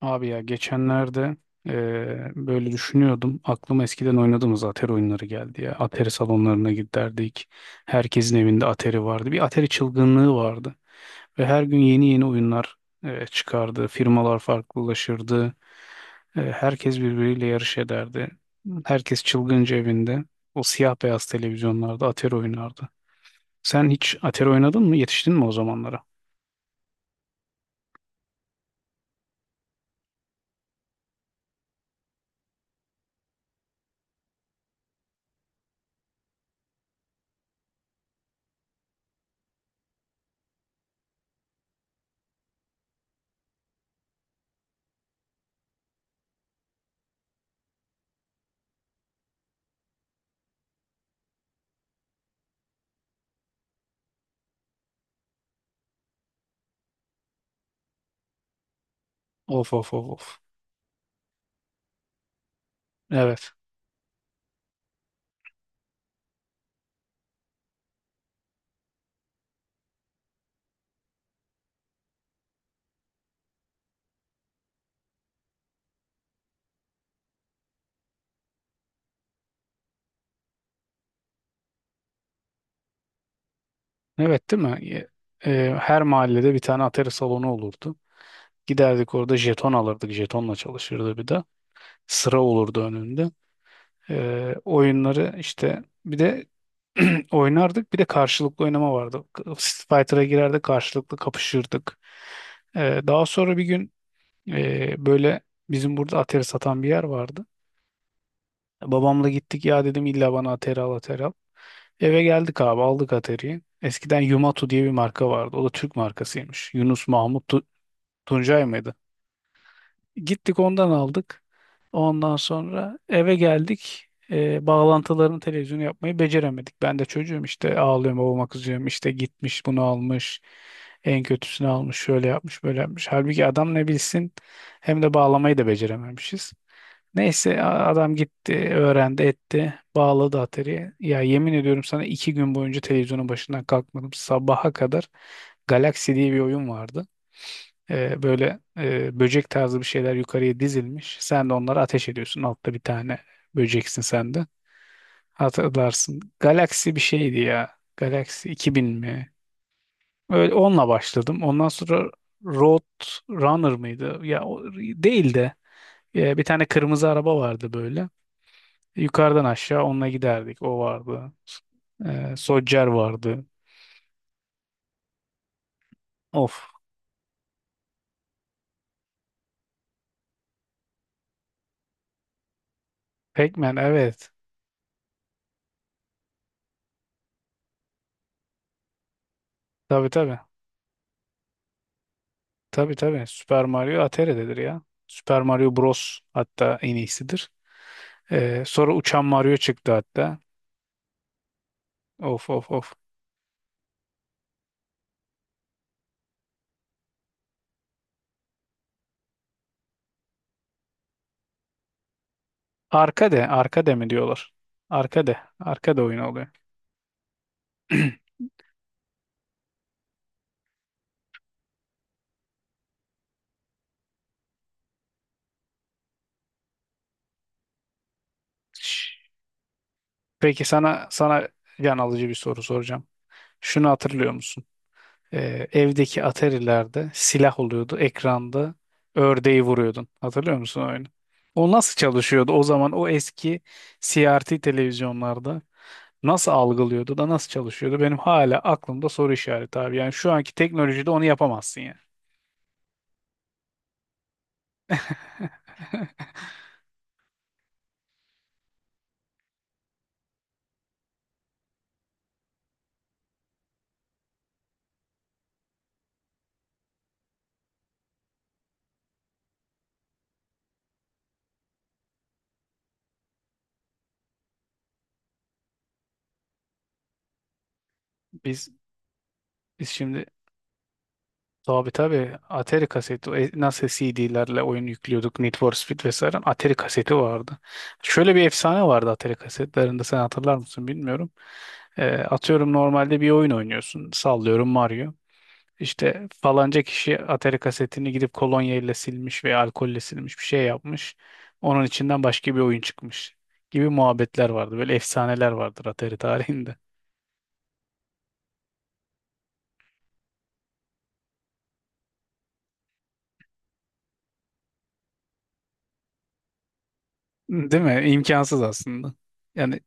Abi ya geçenlerde böyle düşünüyordum. Aklıma eskiden oynadığımız Atari oyunları geldi ya. Atari salonlarına giderdik. Herkesin evinde Atari vardı. Bir Atari çılgınlığı vardı. Ve her gün yeni yeni oyunlar çıkardı. Firmalar farklılaşırdı. Herkes birbiriyle yarış ederdi. Herkes çılgınca evinde. O siyah beyaz televizyonlarda Atari oynardı. Sen hiç Atari oynadın mı? Yetiştin mi o zamanlara? Of of of of. Evet. Evet, değil mi? Her mahallede bir tane atari salonu olurdu. Giderdik, orada jeton alırdık. Jetonla çalışırdı bir de. Sıra olurdu önünde. Oyunları işte bir de oynardık. Bir de karşılıklı oynama vardı. Street Fighter'a girerdik, karşılıklı kapışırdık. Daha sonra bir gün böyle bizim burada atari satan bir yer vardı. Babamla gittik, ya dedim illa bana Atari al, Atari al. Eve geldik abi, aldık Atari'yi. Eskiden Yumatu diye bir marka vardı. O da Türk markasıymış. Yunus Mahmut Tuncay mıydı? Gittik ondan aldık. Ondan sonra eve geldik. Bağlantılarını televizyonu yapmayı beceremedik. Ben de çocuğum işte, ağlıyorum, babama kızıyorum. İşte gitmiş bunu almış. En kötüsünü almış, şöyle yapmış, böyle yapmış. Halbuki adam ne bilsin, hem de bağlamayı da becerememişiz. Neyse adam gitti, öğrendi etti, bağladı Atari'ye. Ya yemin ediyorum sana, 2 gün boyunca televizyonun başından kalkmadım. Sabaha kadar Galaxy diye bir oyun vardı. Böyle böcek tarzı bir şeyler yukarıya dizilmiş. Sen de onları ateş ediyorsun. Altta bir tane böceksin sen de. Hatırlarsın. Galaxy bir şeydi ya. Galaxy 2000 mi? Öyle onunla başladım. Ondan sonra Road Runner mıydı? Ya o değil de bir tane kırmızı araba vardı böyle. Yukarıdan aşağı onunla giderdik. O vardı. Sodger vardı. Of. Pac-Man, evet. Tabii tabii. Tabii tabii. Super Mario Atere'dedir ya. Super Mario Bros. Hatta en iyisidir. Sonra Uçan Mario çıktı hatta. Of of of. Arkade mi diyorlar? Arkade oyunu oluyor. Peki sana can alıcı bir soru soracağım. Şunu hatırlıyor musun? Evdeki Atari'lerde silah oluyordu. Ekranda ördeği vuruyordun. Hatırlıyor musun o oyunu? O nasıl çalışıyordu o zaman, o eski CRT televizyonlarda? Nasıl algılıyordu da nasıl çalışıyordu, benim hala aklımda soru işareti abi. Yani şu anki teknolojide onu yapamazsın yani. Biz biz şimdi tabii tabii Atari kaseti, nasıl CD'lerle oyun yüklüyorduk Need for Speed vesaire, Atari kaseti vardı. Şöyle bir efsane vardı Atari kasetlerinde, sen hatırlar mısın bilmiyorum. Atıyorum normalde bir oyun oynuyorsun, sallıyorum Mario. İşte falanca kişi Atari kasetini gidip kolonya ile silmiş veya alkolle silmiş, bir şey yapmış. Onun içinden başka bir oyun çıkmış gibi muhabbetler vardı. Böyle efsaneler vardır Atari tarihinde. Değil mi? İmkansız aslında. Yani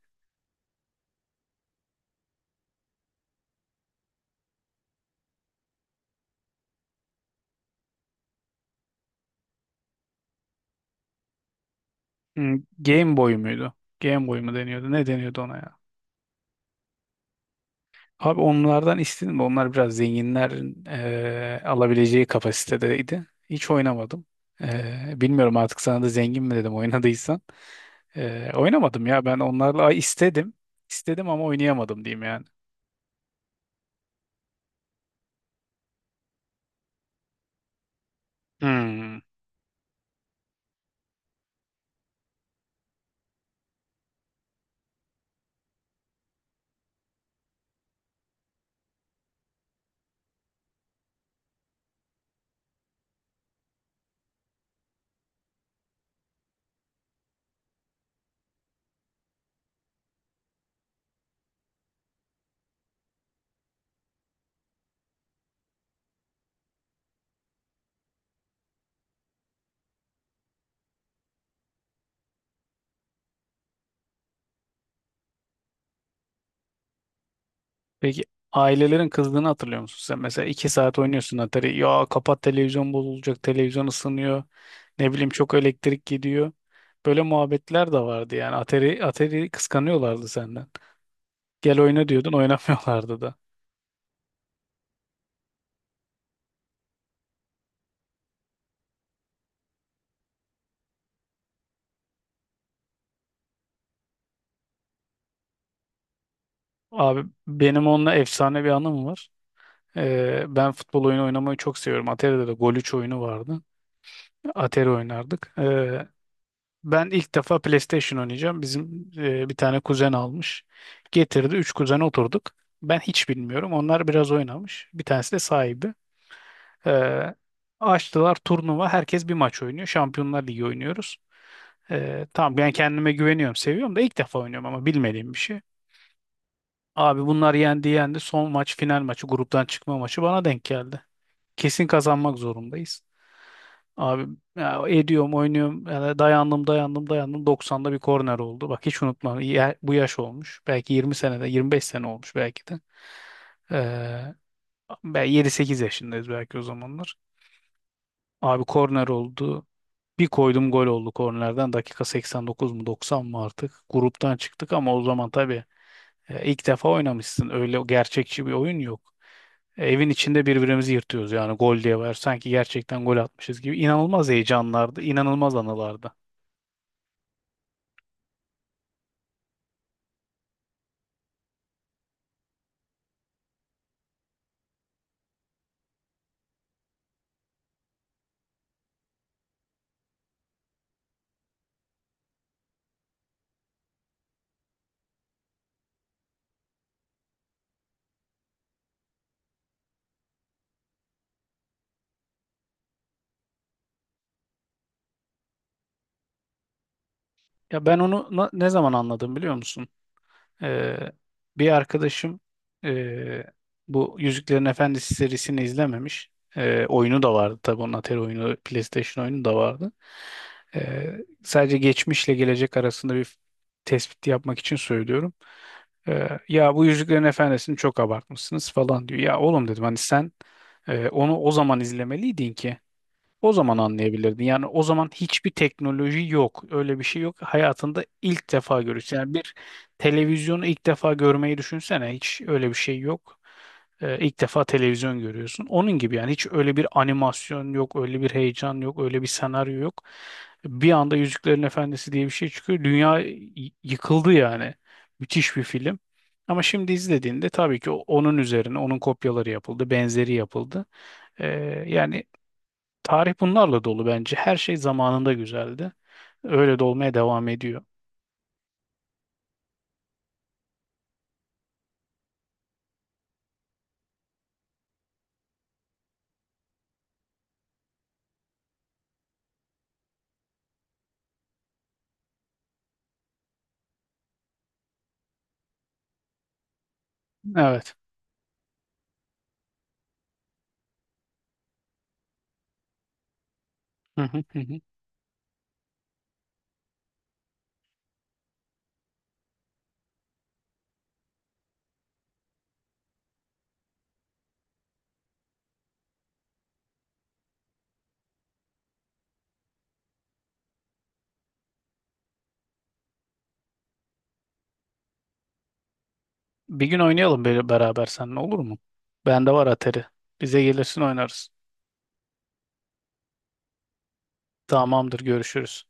Game Boy muydu? Game Boy mu deniyordu? Ne deniyordu ona ya? Abi onlardan istedim de, onlar biraz zenginlerin alabileceği kapasitedeydi. Hiç oynamadım. Bilmiyorum artık, sana da zengin mi dedim oynadıysan. Oynamadım ya ben onlarla. Ay, istedim. İstedim ama oynayamadım diyeyim yani. Hmm. Peki ailelerin kızdığını hatırlıyor musun sen? Mesela 2 saat oynuyorsun Atari. Ya kapat, televizyon bozulacak, televizyon ısınıyor. Ne bileyim, çok elektrik gidiyor. Böyle muhabbetler de vardı yani. Atari kıskanıyorlardı senden. Gel oyna diyordun, oynamıyorlardı da. Abi benim onunla efsane bir anım var. Ben futbol oyunu oynamayı çok seviyorum. Atari'de de Golüç oyunu vardı. Atari oynardık. Ben ilk defa PlayStation oynayacağım. Bizim bir tane kuzen almış. Getirdi. Üç kuzen oturduk. Ben hiç bilmiyorum. Onlar biraz oynamış. Bir tanesi de sahibi. E, Açtılar turnuva. Herkes bir maç oynuyor. Şampiyonlar Ligi oynuyoruz. Tamam, ben kendime güveniyorum. Seviyorum da, ilk defa oynuyorum ama, bilmediğim bir şey. Abi bunlar yendi yendi. Son maç, final maçı, gruptan çıkma maçı bana denk geldi. Kesin kazanmak zorundayız. Abi ya, ediyorum, oynuyorum. Yani dayandım, dayandım, dayandım. 90'da bir korner oldu. Bak hiç unutmam. Bu yaş olmuş. Belki 20 senede, 25 sene olmuş belki de. Ee, Ben 7-8 yaşındayız belki o zamanlar. Abi korner oldu. Bir koydum, gol oldu kornerden. Dakika 89 mu 90 mı artık. Gruptan çıktık ama o zaman tabii ilk defa oynamışsın. Öyle gerçekçi bir oyun yok. Evin içinde birbirimizi yırtıyoruz yani, gol diye var. Sanki gerçekten gol atmışız gibi. İnanılmaz heyecanlardı, inanılmaz anılardı. Ya ben onu ne zaman anladım biliyor musun? Ee, Bir arkadaşım ee, bu Yüzüklerin Efendisi serisini izlememiş. Oyunu da vardı tabii onun, Atari oyunu, PlayStation oyunu da vardı. Ee, Sadece geçmişle gelecek arasında bir tespit yapmak için söylüyorum. Ya bu Yüzüklerin Efendisi'ni çok abartmışsınız falan diyor. Ya oğlum dedim, hani sen onu o zaman izlemeliydin ki o zaman anlayabilirdin. Yani o zaman hiçbir teknoloji yok. Öyle bir şey yok. Hayatında ilk defa görürsün. Yani bir televizyonu ilk defa görmeyi düşünsene. Hiç öyle bir şey yok. İlk defa televizyon görüyorsun. Onun gibi, yani hiç öyle bir animasyon yok, öyle bir heyecan yok, öyle bir senaryo yok. Bir anda Yüzüklerin Efendisi diye bir şey çıkıyor. Dünya yıkıldı yani. Müthiş bir film. Ama şimdi izlediğinde tabii ki onun üzerine onun kopyaları yapıldı, benzeri yapıldı. Ee, yani tarih bunlarla dolu bence. Her şey zamanında güzeldi. Öyle de olmaya devam ediyor. Evet. Hı hı hı hı. Bir gün oynayalım beraber seninle, olur mu? Bende var Atari. Bize gelirsin oynarız. Tamamdır, görüşürüz.